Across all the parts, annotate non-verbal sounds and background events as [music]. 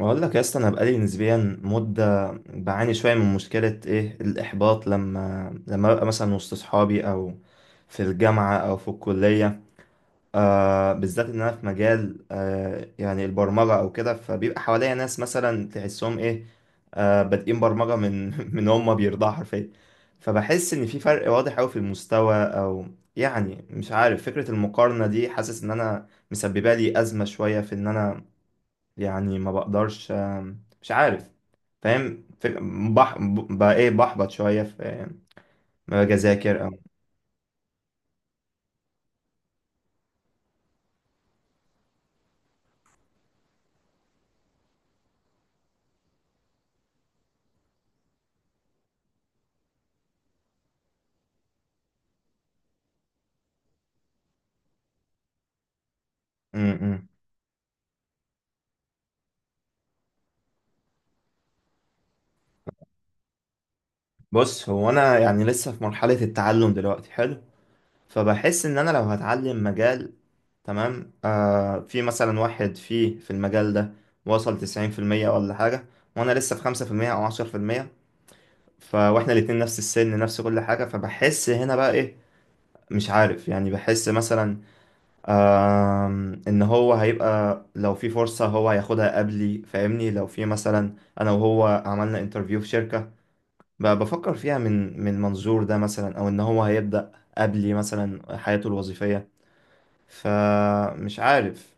بقول لك يا اسطى، انا بقالي نسبيا مده بعاني شويه من مشكله ايه الاحباط. لما ببقى مثلا وسط صحابي او في الجامعه او في الكليه، بالذات ان انا في مجال، يعني البرمجه او كده، فبيبقى حواليا ناس مثلا تحسهم ايه، بادئين برمجه من [laughs] من هم بيرضعوا حرفيا. فبحس ان في فرق واضح قوي في المستوى، او يعني مش عارف، فكره المقارنه دي حاسس ان انا مسببه لي ازمه شويه في ان انا يعني ما بقدرش، مش عارف، فاهم؟ في بقى ايه بحبط شوية في ما باجي اذاكر او... م- م. بص هو انا يعني لسه في مرحلة التعلم دلوقتي، حلو، فبحس ان انا لو هتعلم مجال، تمام، في مثلا واحد فيه في المجال ده وصل 90% ولا حاجة، وانا لسه في 5% او 10%، ف واحنا الاتنين نفس السن نفس كل حاجة، فبحس هنا بقى ايه، مش عارف، يعني بحس مثلا ان هو هيبقى، لو في فرصة هو هياخدها قبلي، فاهمني؟ لو في مثلا انا وهو عملنا انترفيو في شركة، بفكر فيها من من منظور ده مثلا، او ان هو هيبدأ قبلي مثلا حياته الوظيفية، فمش عارف.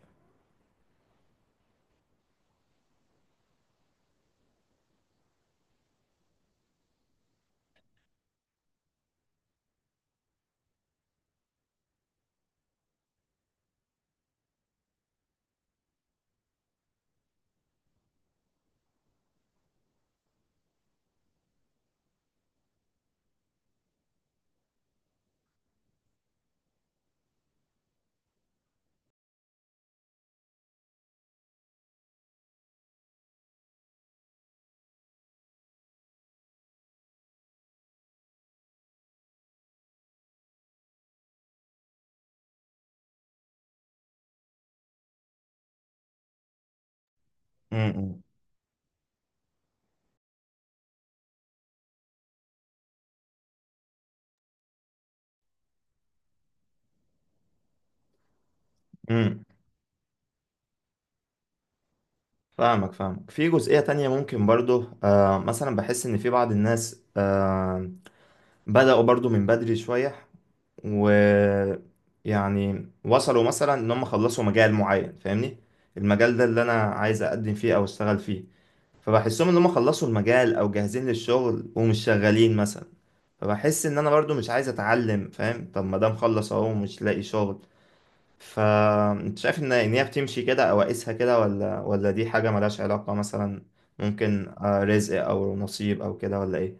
امم، امم. فاهمك فاهمك. في جزئية تانية ممكن برضو، مثلا بحس ان في بعض الناس بدأوا برضو من بدري شوية، ويعني وصلوا مثلا ان هم خلصوا مجال معين، فاهمني؟ المجال ده اللي انا عايز اقدم فيه او اشتغل فيه، فبحسهم ان هم خلصوا المجال او جاهزين للشغل، ومش شغالين مثلا. فبحس ان انا برضو مش عايز اتعلم، فاهم؟ طب ما ده مخلص اهو ومش لاقي شغل. فانت شايف ان هي بتمشي كده او اقيسها كده، ولا دي حاجة ملهاش علاقة مثلا؟ ممكن رزق او نصيب او كده، ولا ايه؟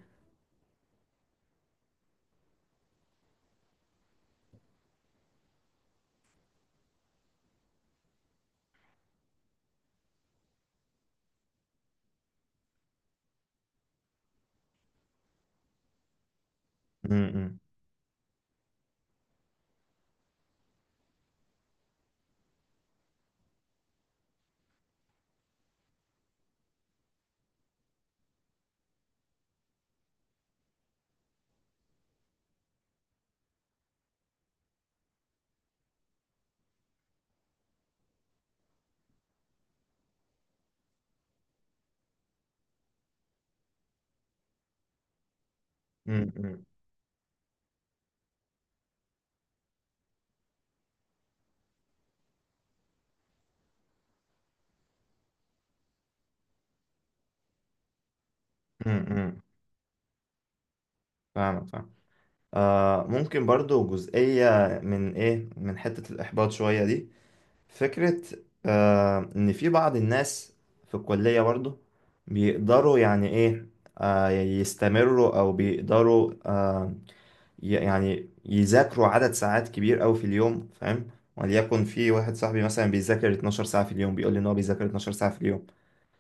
امم، امم، امم، امم. فاهمك فاهمك. ممكن برضو جزئية من من حتة الإحباط شوية دي، فكرة إن في بعض الناس في الكلية برضو بيقدروا يعني إيه آه يستمروا، أو بيقدروا يعني يذاكروا عدد ساعات كبير أوي في اليوم، فاهم؟ وليكن في واحد صاحبي مثلا بيذاكر 12 ساعة في اليوم، بيقول لي إن هو بيذاكر 12 ساعة في اليوم.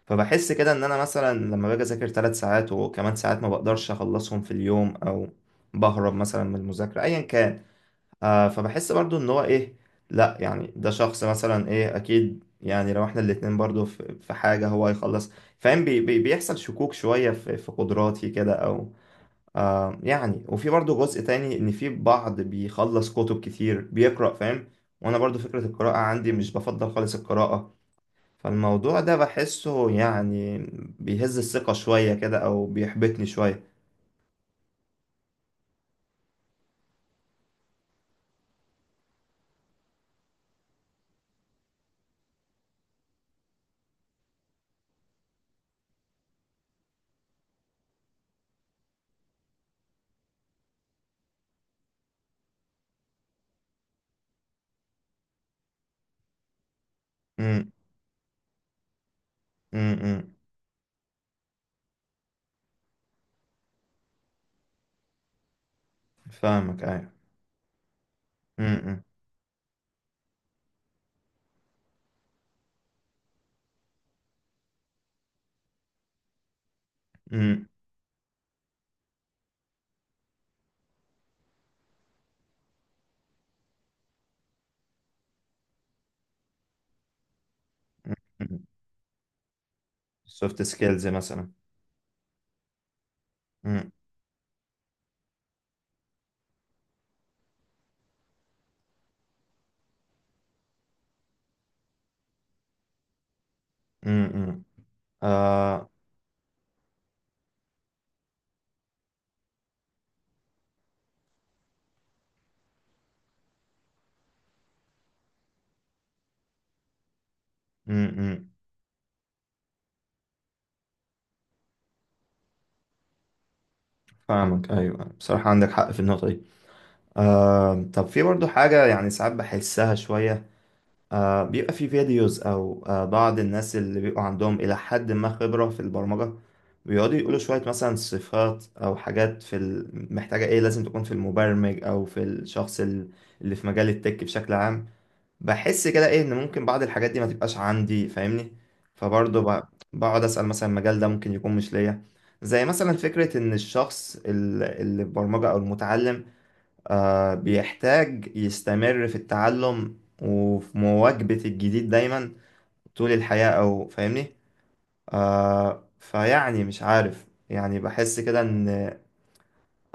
فبحس كده ان انا مثلا لما باجي اذاكر 3 ساعات وكمان ساعات ما بقدرش اخلصهم في اليوم، او بهرب مثلا من المذاكرة ايا كان. فبحس برضو ان هو لا، يعني ده شخص مثلا اكيد، يعني لو احنا الاتنين برضو في في حاجة هو هيخلص، فاهم؟ بي بي بيحصل شكوك شوية في في قدراتي كده، او يعني. وفي برضو جزء تاني ان في بعض بيخلص كتب كتير بيقرأ، فاهم؟ وانا برضو فكرة القراءة عندي مش بفضل خالص القراءة. فالموضوع ده بحسه يعني بيهز الثقة شوية كده، أو بيحبطني شوية. امم، امم، إمم. فاهمك أيوة. امم، امم. سوفت سكيلز مثلا. امم، امم، إمم. آه. امم، إمم. فاهمك أيوة، بصراحة عندك حق في النقطة دي. طب في برضو حاجة يعني ساعات بحسها شوية، بيبقى في فيديوز، او بعض الناس اللي بيبقوا عندهم الى حد ما خبرة في البرمجة بيقعدوا يقولوا شوية مثلا صفات او حاجات في محتاجة ايه لازم تكون في المبرمج، او في الشخص اللي في مجال التك بشكل عام. بحس كده ايه ان ممكن بعض الحاجات دي ما تبقاش عندي، فاهمني؟ فبرضه بقعد اسأل مثلا المجال ده ممكن يكون مش ليا. زي مثلا فكرة ان الشخص اللي البرمجة او المتعلم بيحتاج يستمر في التعلم وفي مواكبة الجديد دايما طول الحياة، أو فاهمني؟ فيعني مش عارف، يعني بحس كده إن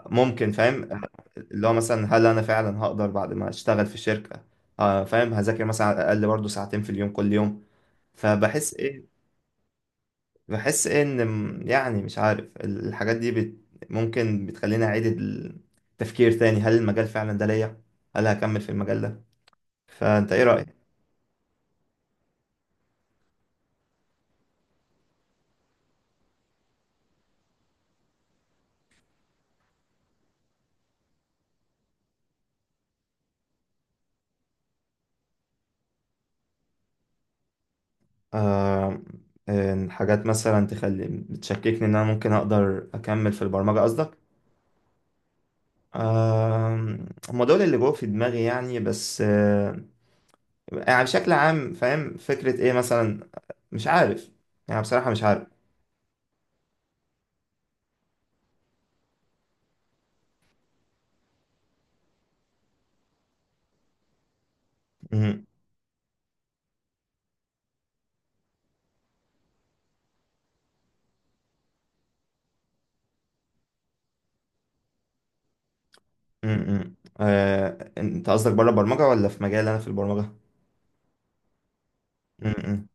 ممكن، فاهم؟ اللي هو مثلا هل أنا فعلا هقدر بعد ما أشتغل في الشركة، فاهم، هذاكر مثلا على الأقل برضه ساعتين في اليوم كل يوم. فبحس إيه، بحس إيه إن يعني مش عارف، الحاجات دي ممكن بتخليني أعيد التفكير تاني. هل المجال فعلا ده ليا؟ هل هكمل في المجال ده؟ فانت ايه رأيك؟ آه إن حاجات مثلا تخلي بتشككني ان انا ممكن اقدر اكمل في البرمجة، قصدك؟ آه هم دول اللي جوه في دماغي يعني، بس يعني بشكل عام فاهم فكرة ايه مثلا، مش عارف، يعني بصراحة مش عارف. مم، مم، مم. انت قصدك بره البرمجة ولا في مجال انا في البرمجة؟ مم.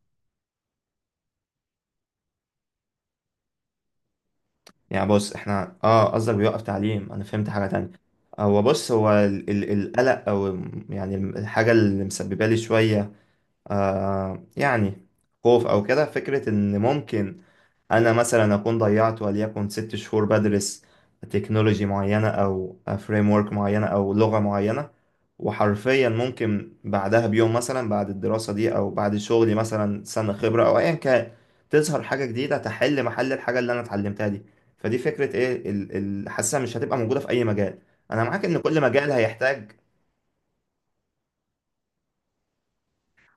يعني بص احنا قصدك بيوقف تعليم، انا فهمت حاجة تانية. هو بص هو القلق، او يعني الحاجة اللي مسببة لي شوية يعني خوف أو كده، فكرة إن ممكن أنا مثلا أكون ضيعت وليكن 6 شهور بدرس تكنولوجي معينة أو فريم ورك معينة أو لغة معينة، وحرفيا ممكن بعدها بيوم مثلا بعد الدراسة دي، أو بعد شغلي مثلا سنة خبرة أو أيا كان، تظهر حاجة جديدة تحل محل الحاجة اللي أنا اتعلمتها دي. فدي فكرة إيه حاسسها مش هتبقى موجودة في أي مجال. أنا معاك إن كل مجال هيحتاج.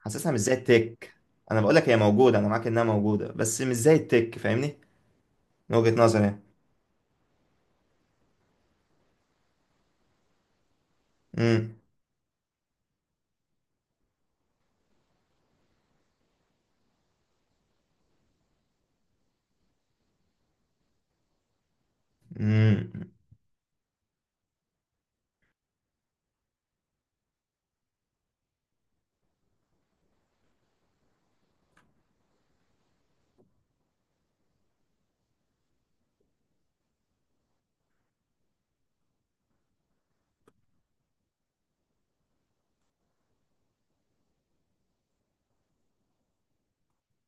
حاسسها مش زي التك. انا بقول لك هي موجوده، انا معاك انها موجوده، بس مش زي التك، فاهمني؟ من وجهه نظري يعني. امم، امم،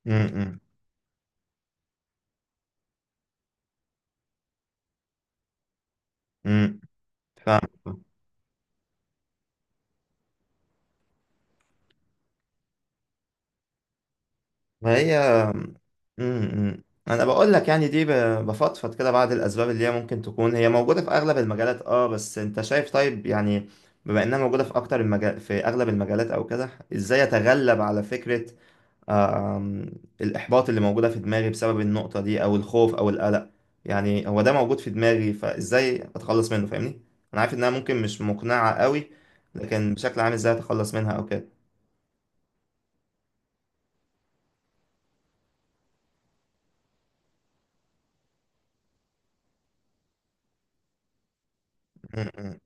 امم، امم. فاهم. هي انا بقول لك، يعني دي بفضفض كده بعض الاسباب اللي هي ممكن تكون هي موجوده في اغلب المجالات، بس انت شايف طيب، يعني بما انها موجوده في اكتر المجال، في اغلب المجالات او كده، ازاي اتغلب على فكره آم، الإحباط اللي موجودة في دماغي بسبب النقطة دي، أو الخوف أو القلق؟ يعني هو ده موجود في دماغي، فإزاي أتخلص منه، فاهمني؟ أنا عارف إنها ممكن مش مقنعة قوي، لكن بشكل عام إزاي أتخلص منها أو كده؟ م- م-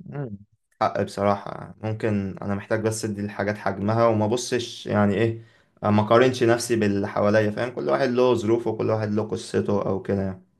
م. حق بصراحة، ممكن أنا محتاج بس أدي الحاجات حجمها وما أبصش، يعني إيه، ما أقارنش نفسي باللي حواليا، فاهم؟ كل واحد له ظروفه وكل واحد له قصته أو كده يعني.